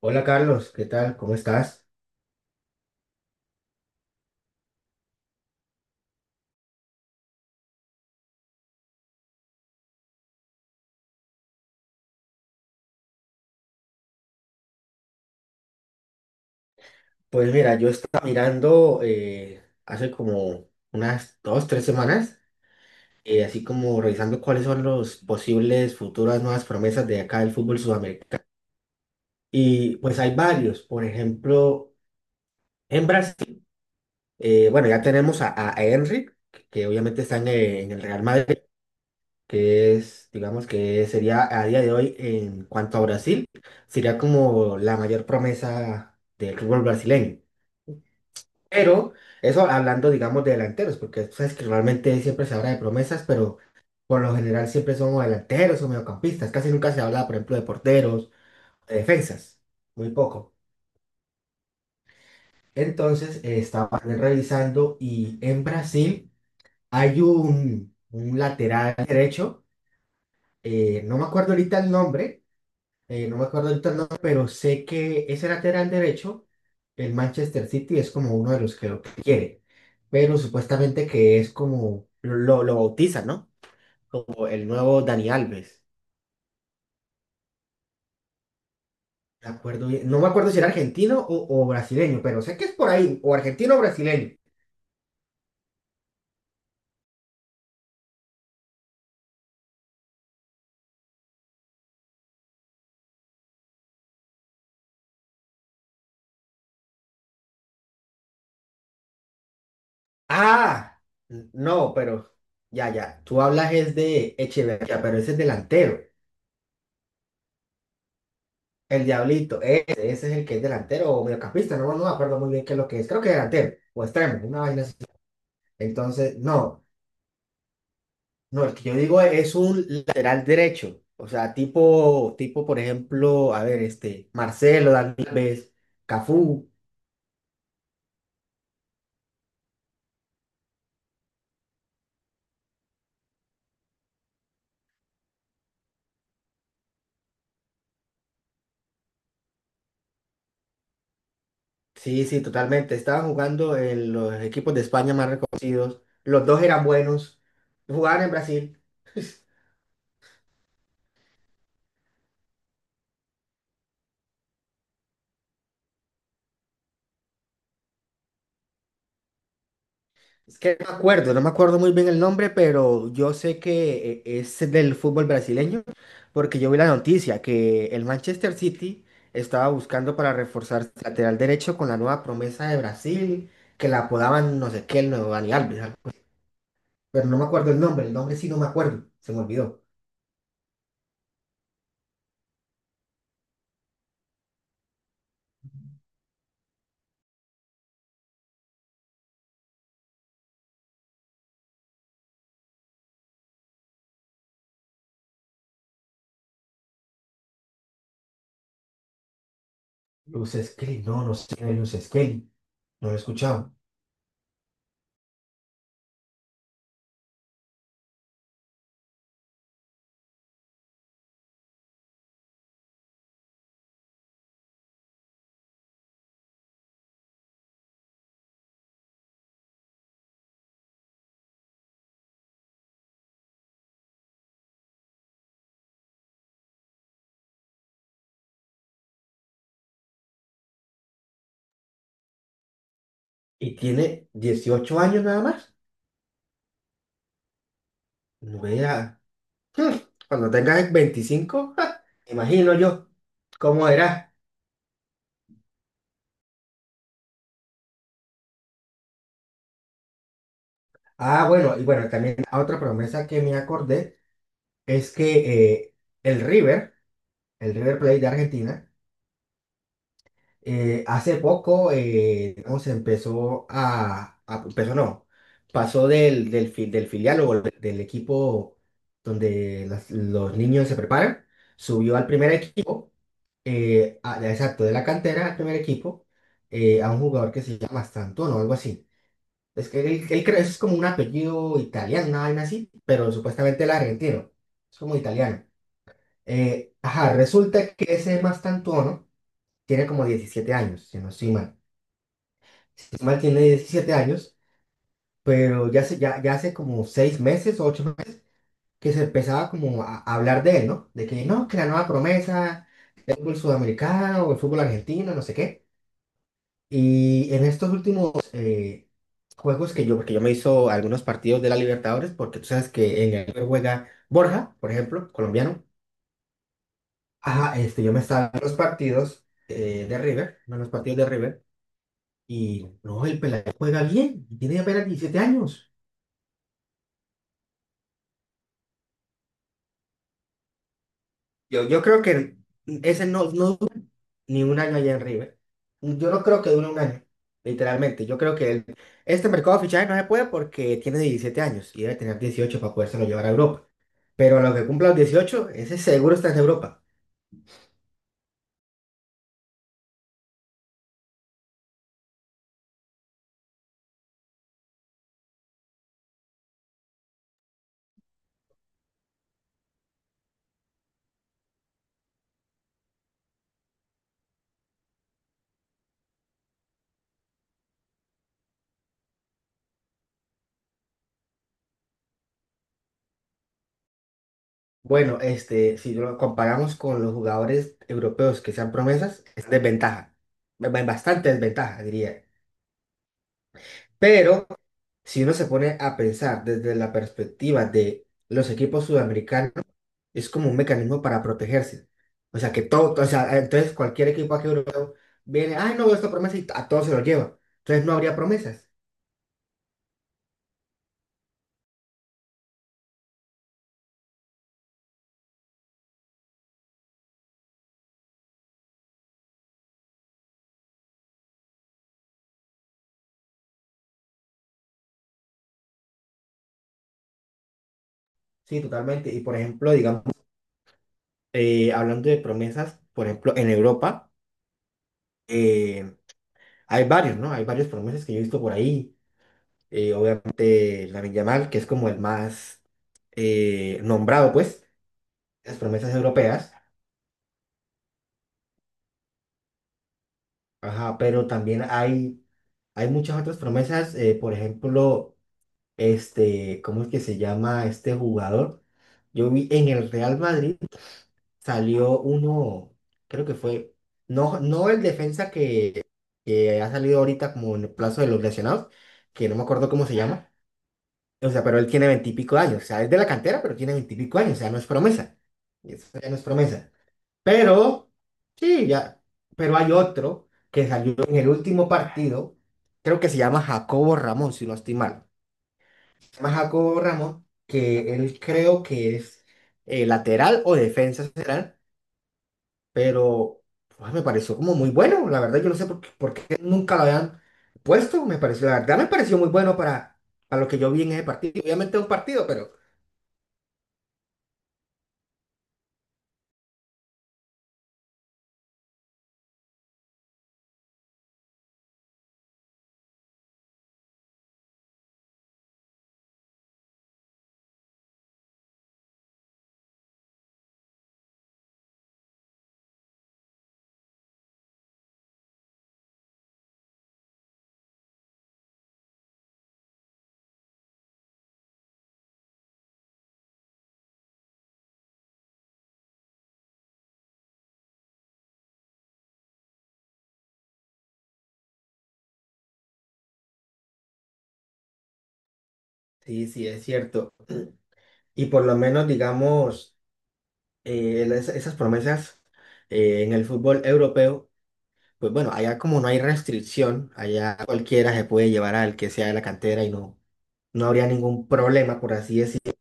Hola Carlos, ¿qué tal? ¿Cómo estás? Pues mira, yo estaba mirando hace como unas dos, tres semanas, así como revisando cuáles son los posibles futuras nuevas promesas de acá del fútbol sudamericano. Y pues hay varios, por ejemplo, en Brasil, bueno, ya tenemos a, a Henry, que obviamente está en el Real Madrid, que es, digamos que sería a día de hoy en cuanto a Brasil, sería como la mayor promesa del fútbol brasileño. Pero eso hablando, digamos, de delanteros, porque tú sabes que normalmente siempre se habla de promesas, pero por lo general siempre son o delanteros o mediocampistas. Casi nunca se habla, por ejemplo, de porteros, de defensas, muy poco. Entonces, estaba revisando y en Brasil hay un lateral derecho, no me acuerdo ahorita el nombre, no me acuerdo ahorita el nombre, pero sé que ese lateral derecho, el Manchester City es como uno de los que lo quiere, pero supuestamente que es como lo bautizan, ¿no? Como el nuevo Dani Alves. No me acuerdo si era argentino o brasileño, pero sé que es por ahí, o argentino o brasileño. Ah, no, pero ya, ya, tú hablas es de Echeverría, pero ese es delantero, el Diablito, ese, es el que es delantero o mediocampista, no, no me acuerdo muy bien qué es lo que es, creo que delantero o extremo, una vaina así. Entonces, no, no, el que yo digo es un lateral derecho. O sea, tipo, por ejemplo, a ver, este, Marcelo, Dani Alves, Cafú. Sí, sí, totalmente. Estaban jugando en los equipos de España más reconocidos. Los dos eran buenos. Jugaban en Brasil. Es que no me acuerdo, No me acuerdo muy bien el nombre, pero yo sé que es del fútbol brasileño, porque yo vi la noticia que el Manchester City estaba buscando para reforzar su lateral derecho con la nueva promesa de Brasil, que la apodaban no sé qué, el nuevo Dani Alves, algo. Pero no me acuerdo el nombre sí no me acuerdo, se me olvidó. Luz Skelly, no, no sé, Luz Skelly, no lo he escuchado. Y tiene 18 años nada más, no era. Hmm, Cuando tengas 25, ja, imagino yo cómo era. Ah, bueno, y bueno, también otra promesa que me acordé es que el River, el River Plate de Argentina, hace poco, digamos, empezó a- empezó no, pasó del filial o del equipo donde los niños se preparan, subió al primer equipo, exacto, de la cantera al primer equipo, a un jugador que se llama Santón o algo así. Es que él creo es como un apellido italiano, una vaina así, pero supuestamente él es argentino. Es como italiano. Ajá, resulta que ese Mastantuono tiene como 17 años, si no estoy mal. Si no estoy mal, tiene 17 años, pero ya hace como 6 meses o 8 meses que se empezaba como a hablar de él, ¿no? De que no, que la nueva promesa del fútbol sudamericano o el fútbol argentino, no sé qué. Y en estos últimos juegos que yo, porque yo me hizo algunos partidos de la Libertadores, porque tú sabes que en el River juega Borja, por ejemplo, colombiano. Ajá, este, yo me estaba en los partidos en los partidos de River, y no, el pelado juega bien, y tiene apenas 17 años. Yo creo que ese no, no duró ni un año allá en River. Yo no creo que dure un año, literalmente. Yo creo que este mercado de fichajes no se puede porque tiene 17 años y debe tener 18 para podérselo llevar a Europa. Pero a lo que cumpla los 18 ese seguro está en Europa. Bueno, este, si lo comparamos con los jugadores europeos que sean promesas, es desventaja, bastante desventaja, diría. Pero si uno se pone a pensar desde la perspectiva de los equipos sudamericanos, es como un mecanismo para protegerse. O sea, que todo, o sea, entonces cualquier equipo aquí europeo viene, ay, no veo esta promesa y a todos se lo lleva. Entonces no habría promesas. Sí, totalmente. Y por ejemplo, digamos, hablando de promesas, por ejemplo, en Europa. eh, Hay varios, ¿no? Hay varios promesas que yo he visto por ahí. Obviamente, Lamine Yamal, que es como el más nombrado, pues, las promesas europeas. Ajá, pero también hay muchas otras promesas. Por ejemplo, este, ¿cómo es que se llama este jugador? Yo vi en el Real Madrid salió uno, creo que fue, no, no el defensa que ha salido ahorita como en el plazo de los lesionados, que no me acuerdo cómo se llama. O sea, pero él tiene veintipico de años. O sea, es de la cantera, pero tiene veintipico años. O sea, no es promesa. Y eso ya no es promesa. Pero, sí, ya. Pero hay otro que salió en el último partido. Creo que se llama Jacobo Ramón, si no estoy mal. Se llama Jacobo Ramón, que él creo que es lateral o defensa central, pero pues, me pareció como muy bueno. La verdad, yo no sé por qué nunca lo habían puesto. Me pareció, la verdad, me pareció muy bueno para, lo que yo vi en ese partido. Obviamente es un partido, pero. Sí, sí, es cierto. Y por lo menos, digamos, esas promesas en el fútbol europeo, pues bueno, allá como no hay restricción, allá cualquiera se puede llevar al que sea de la cantera y no, no habría ningún problema, por así decirlo.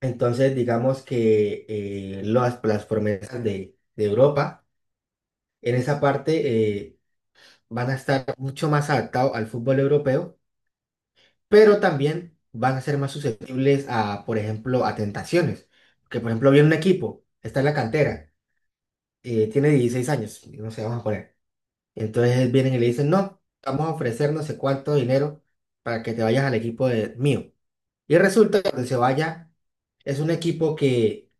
Entonces, digamos que las promesas de Europa en esa parte van a estar mucho más adaptados al fútbol europeo pero también van a ser más susceptibles a, por ejemplo, a tentaciones. Que, por ejemplo, viene un equipo, está en la cantera, tiene 16 años, no sé, vamos a poner. Entonces vienen y le dicen, no, vamos a ofrecer no sé cuánto dinero para que te vayas al equipo de, mío. Y resulta que cuando se vaya, es un equipo que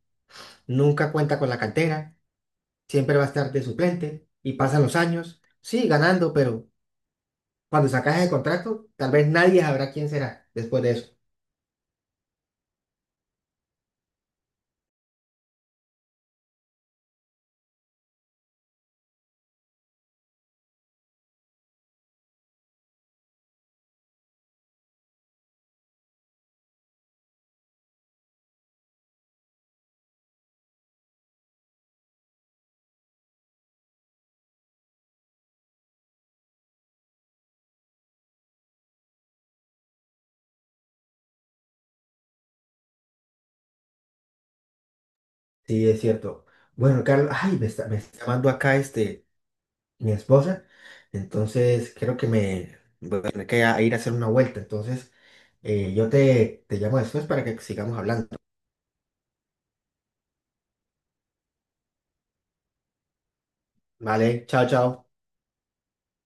nunca cuenta con la cantera, siempre va a estar de suplente y pasan los años, sí, ganando, pero cuando sacas el contrato, tal vez nadie sabrá quién será después de eso. Sí, es cierto. Bueno, Carlos, ay, me está llamando acá este, mi esposa. Entonces, creo que me voy a tener que ir a hacer una vuelta. Entonces, yo te llamo después para que sigamos hablando. Vale, chao, chao.